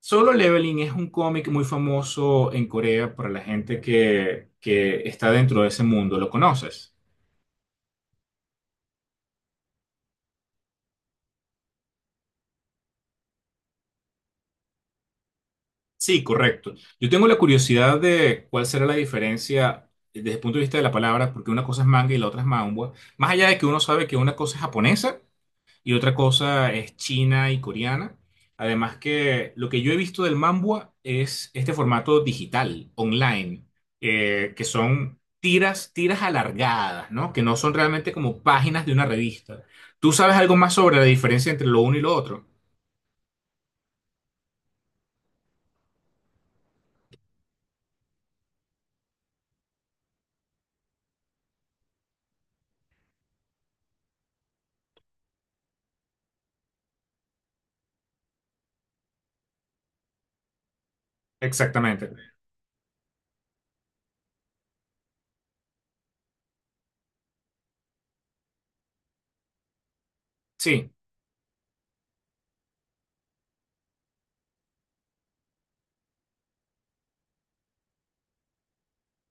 Solo Leveling es un cómic muy famoso en Corea para la gente que está dentro de ese mundo. ¿Lo conoces? Sí, correcto. Yo tengo la curiosidad de cuál será la diferencia desde el punto de vista de la palabra, porque una cosa es manga y la otra es manhwa. Más allá de que uno sabe que una cosa es japonesa y otra cosa es china y coreana. Además que lo que yo he visto del Mambua es este formato digital, online, que son tiras, tiras alargadas, ¿no? Que no son realmente como páginas de una revista. ¿Tú sabes algo más sobre la diferencia entre lo uno y lo otro? Exactamente. Sí.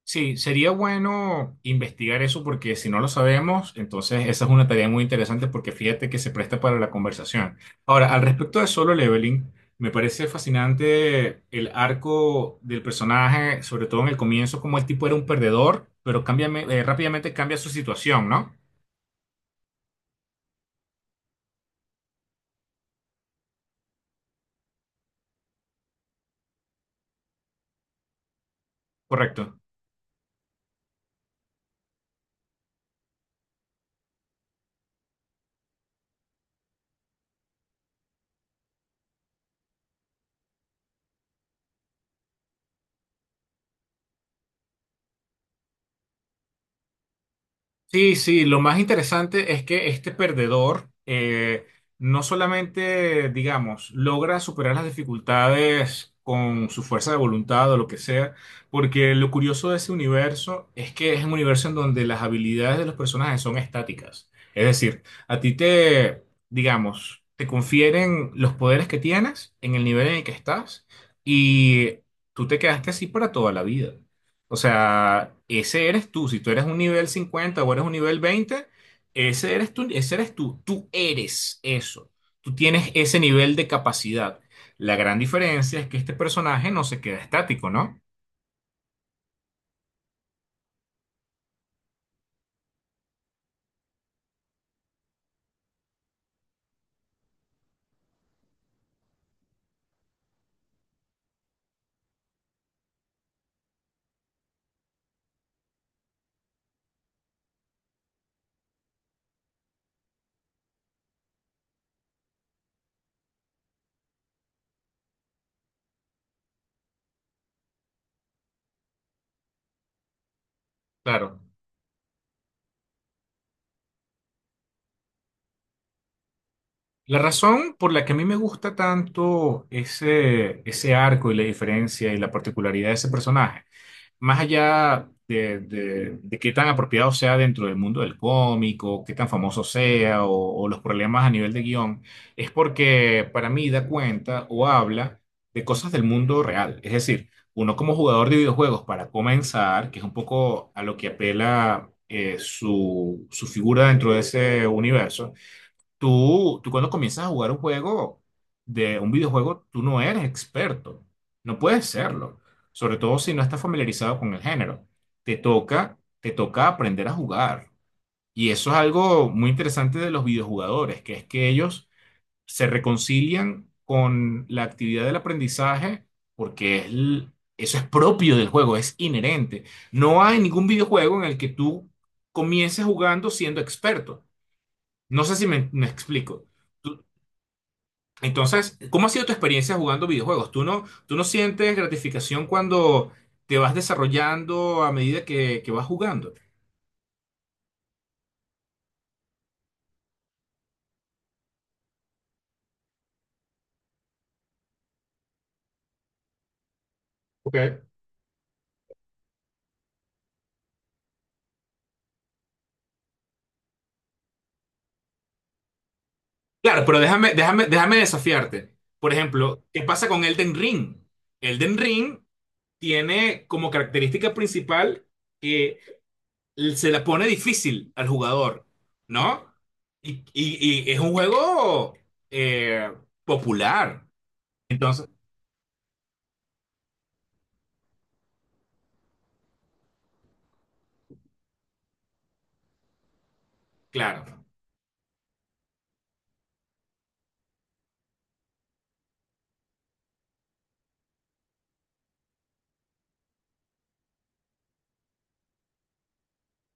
Sí, sería bueno investigar eso porque si no lo sabemos, entonces esa es una tarea muy interesante porque fíjate que se presta para la conversación. Ahora, al respecto de Solo Leveling, me parece fascinante el arco del personaje, sobre todo en el comienzo, como el tipo era un perdedor, pero rápidamente cambia su situación, ¿no? Correcto. Sí, sí, lo más interesante es que este perdedor no solamente, digamos, logra superar las dificultades con su fuerza de voluntad o lo que sea, porque lo curioso de ese universo es que es un universo en donde las habilidades de los personajes son estáticas. Es decir, a ti te, digamos, te confieren los poderes que tienes en el nivel en el que estás y tú te quedaste así para toda la vida. O sea, ese eres tú. Si tú eres un nivel 50, o eres un nivel 20. Ese eres tú, ese eres tú. Tú eres eso. Tú tienes ese nivel de capacidad. La gran diferencia es que este personaje no se queda estático, ¿no? Claro. La razón por la que a mí me gusta tanto ese arco y la diferencia y la particularidad de ese personaje más allá de qué tan apropiado sea dentro del mundo del cómic o qué tan famoso sea o los problemas a nivel de guión, es porque para mí da cuenta o habla de cosas del mundo real. Es decir, uno como jugador de videojuegos, para comenzar, que es un poco a lo que apela su figura dentro de ese universo. Tú cuando comienzas a jugar un juego de un videojuego, tú no eres experto. No puedes serlo. Sobre todo si no estás familiarizado con el género. Te toca aprender a jugar. Y eso es algo muy interesante de los videojugadores, que es que ellos se reconcilian con la actividad del aprendizaje porque eso es propio del juego, es inherente. No hay ningún videojuego en el que tú comiences jugando siendo experto. No sé si me explico. Entonces, ¿cómo ha sido tu experiencia jugando videojuegos? ¿Tú no sientes gratificación cuando te vas desarrollando a medida que vas jugando? Ok. Claro, pero déjame desafiarte. Por ejemplo, ¿qué pasa con Elden Ring? Elden Ring tiene como característica principal que se la pone difícil al jugador, ¿no? Y es un juego eh, popular. Entonces, claro,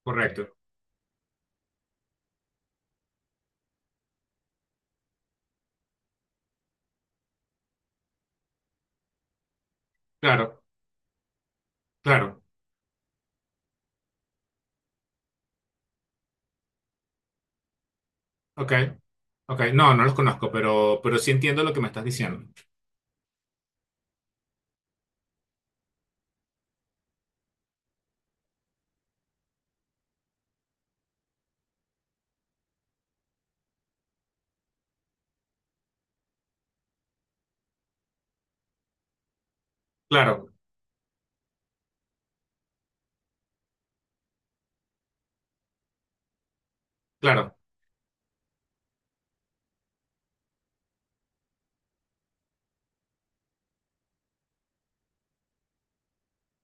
correcto. Claro, claro. Ok. Ok, no, no los conozco, pero sí entiendo lo que me estás diciendo. Claro, claro.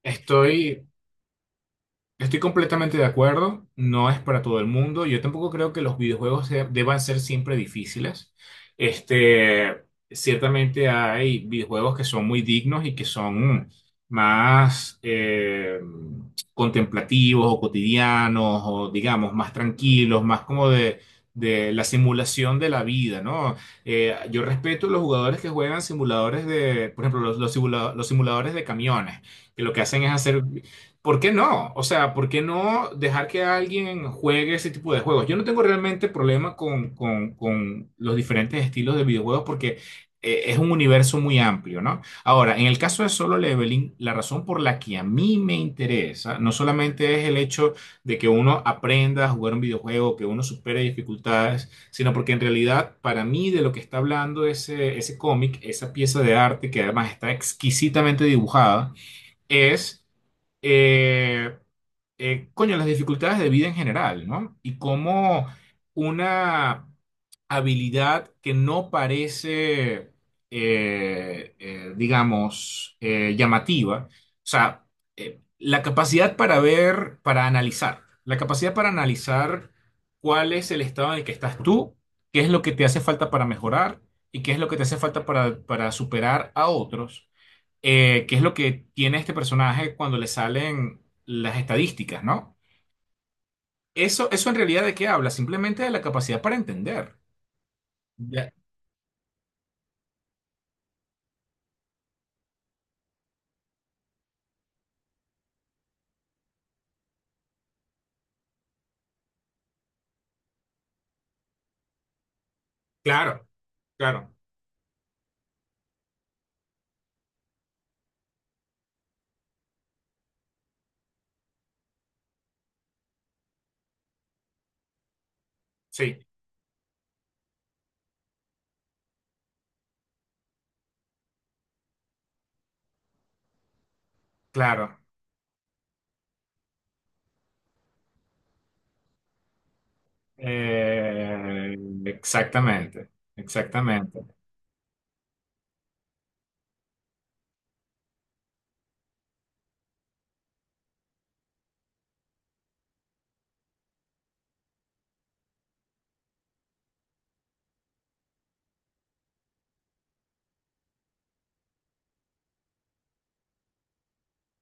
Estoy, Estoy completamente de acuerdo, no es para todo el mundo. Yo tampoco creo que los videojuegos deban ser siempre difíciles. Este, ciertamente hay videojuegos que son muy dignos y que son más contemplativos o cotidianos o digamos más tranquilos, más como de la simulación de la vida, ¿no? Yo respeto los jugadores que juegan simuladores de, por ejemplo, los los simuladores de camiones que lo que hacen es hacer. ¿Por qué no? O sea, ¿por qué no dejar que alguien juegue ese tipo de juegos? Yo no tengo realmente problema con los diferentes estilos de videojuegos porque es un universo muy amplio, ¿no? Ahora, en el caso de Solo Leveling, la razón por la que a mí me interesa no solamente es el hecho de que uno aprenda a jugar un videojuego, que uno supere dificultades, sino porque en realidad para mí de lo que está hablando ese cómic, esa pieza de arte que además está exquisitamente dibujada, es, eh, coño, las dificultades de vida en general, ¿no? Y cómo una habilidad que no parece, digamos, llamativa, o sea, la capacidad para ver, para analizar, la capacidad para analizar cuál es el estado en el que estás tú, qué es lo que te hace falta para mejorar y qué es lo que te hace falta para superar a otros qué es lo que tiene este personaje cuando le salen las estadísticas, ¿no? Eso en realidad de qué habla, simplemente de la capacidad para entender. Ya, claro, claro, sí, claro. Eh, exactamente, exactamente.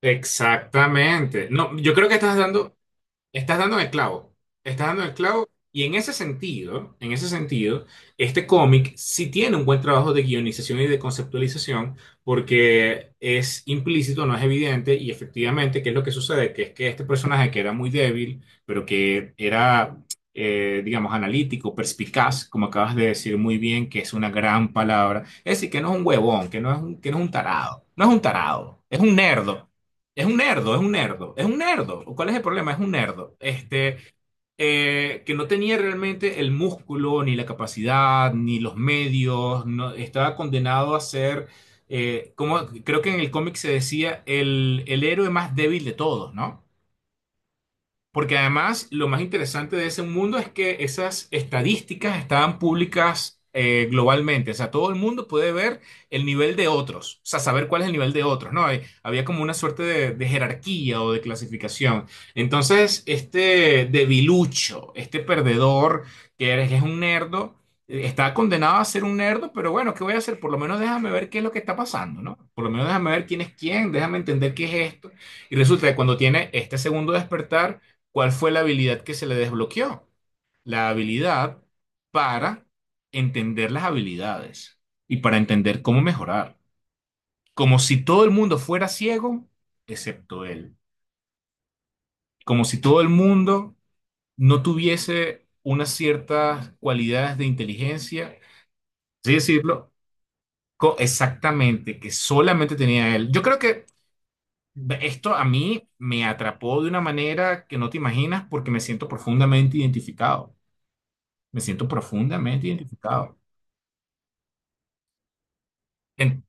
Exactamente. No, yo creo que estás dando, estás dando en el clavo, estás dando en el clavo y en ese sentido, este cómic sí tiene un buen trabajo de guionización y de conceptualización porque es implícito, no es evidente y efectivamente, ¿qué es lo que sucede? Que es que este personaje que era muy débil, pero que era, digamos, analítico, perspicaz, como acabas de decir muy bien, que es una gran palabra, es decir, que no es un huevón, que no es un tarado, no es un tarado, es un nerd, es un nerdo, es un nerdo, es un nerdo. ¿Cuál es el problema? Es un nerdo. Que no tenía realmente el músculo, ni la capacidad, ni los medios. Estaba condenado a ser, como creo que en el cómic se decía, el héroe más débil de todos, ¿no? Porque además lo más interesante de ese mundo es que esas estadísticas estaban públicas globalmente. O sea, todo el mundo puede ver el nivel de otros, o sea, saber cuál es el nivel de otros, ¿no? Había como una suerte de jerarquía o de clasificación. Entonces, este debilucho, este perdedor que es un nerdo, está condenado a ser un nerdo, pero bueno, ¿qué voy a hacer? Por lo menos déjame ver qué es lo que está pasando, ¿no? Por lo menos déjame ver quién es quién, déjame entender qué es esto. Y resulta que cuando tiene este segundo despertar, ¿cuál fue la habilidad que se le desbloqueó? La habilidad para entender las habilidades y para entender cómo mejorar. Como si todo el mundo fuera ciego, excepto él. Como si todo el mundo no tuviese unas ciertas cualidades de inteligencia, así decirlo, exactamente, que solamente tenía él. Yo creo que esto a mí me atrapó de una manera que no te imaginas porque me siento profundamente identificado. Me siento profundamente identificado. En-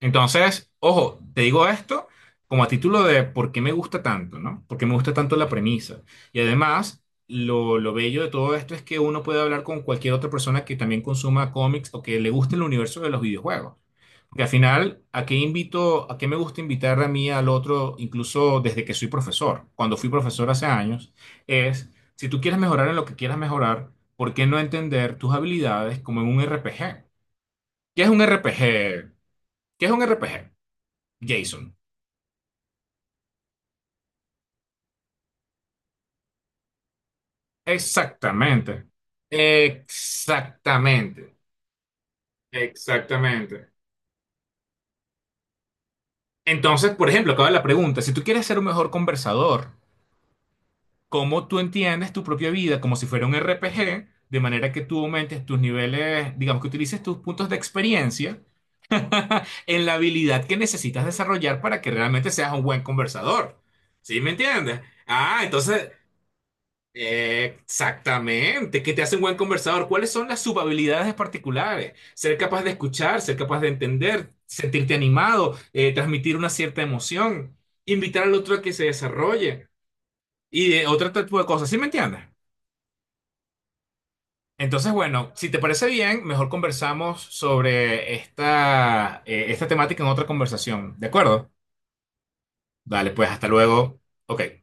entonces, ojo, te digo esto como a título de por qué me gusta tanto, ¿no? Por qué me gusta tanto la premisa. Y además, lo bello de todo esto es que uno puede hablar con cualquier otra persona que también consuma cómics o que le guste el universo de los videojuegos. Porque al final, ¿a qué invito, a qué me gusta invitar a mí al otro, incluso desde que soy profesor? Cuando fui profesor hace años, es, si tú quieres mejorar en lo que quieras mejorar, ¿por qué no entender tus habilidades como en un RPG? ¿Qué es un RPG? ¿Qué es un RPG? Jason. Exactamente. Exactamente. Exactamente. Entonces, por ejemplo, acaba la pregunta. Si tú quieres ser un mejor conversador, ¿cómo tú entiendes tu propia vida como si fuera un RPG? De manera que tú aumentes tus niveles, digamos que utilices tus puntos de experiencia en la habilidad que necesitas desarrollar para que realmente seas un buen conversador. ¿Sí me entiendes? Ah, entonces exactamente, que te hace un buen conversador. ¿Cuáles son las subhabilidades particulares? Ser capaz de escuchar, ser capaz de entender, sentirte animado, transmitir una cierta emoción, invitar al otro a que se desarrolle y de otro tipo de cosas. ¿Sí me entiendes? Entonces, bueno, si te parece bien, mejor conversamos sobre esta, esta temática en otra conversación. ¿De acuerdo? Dale, pues hasta luego. Ok.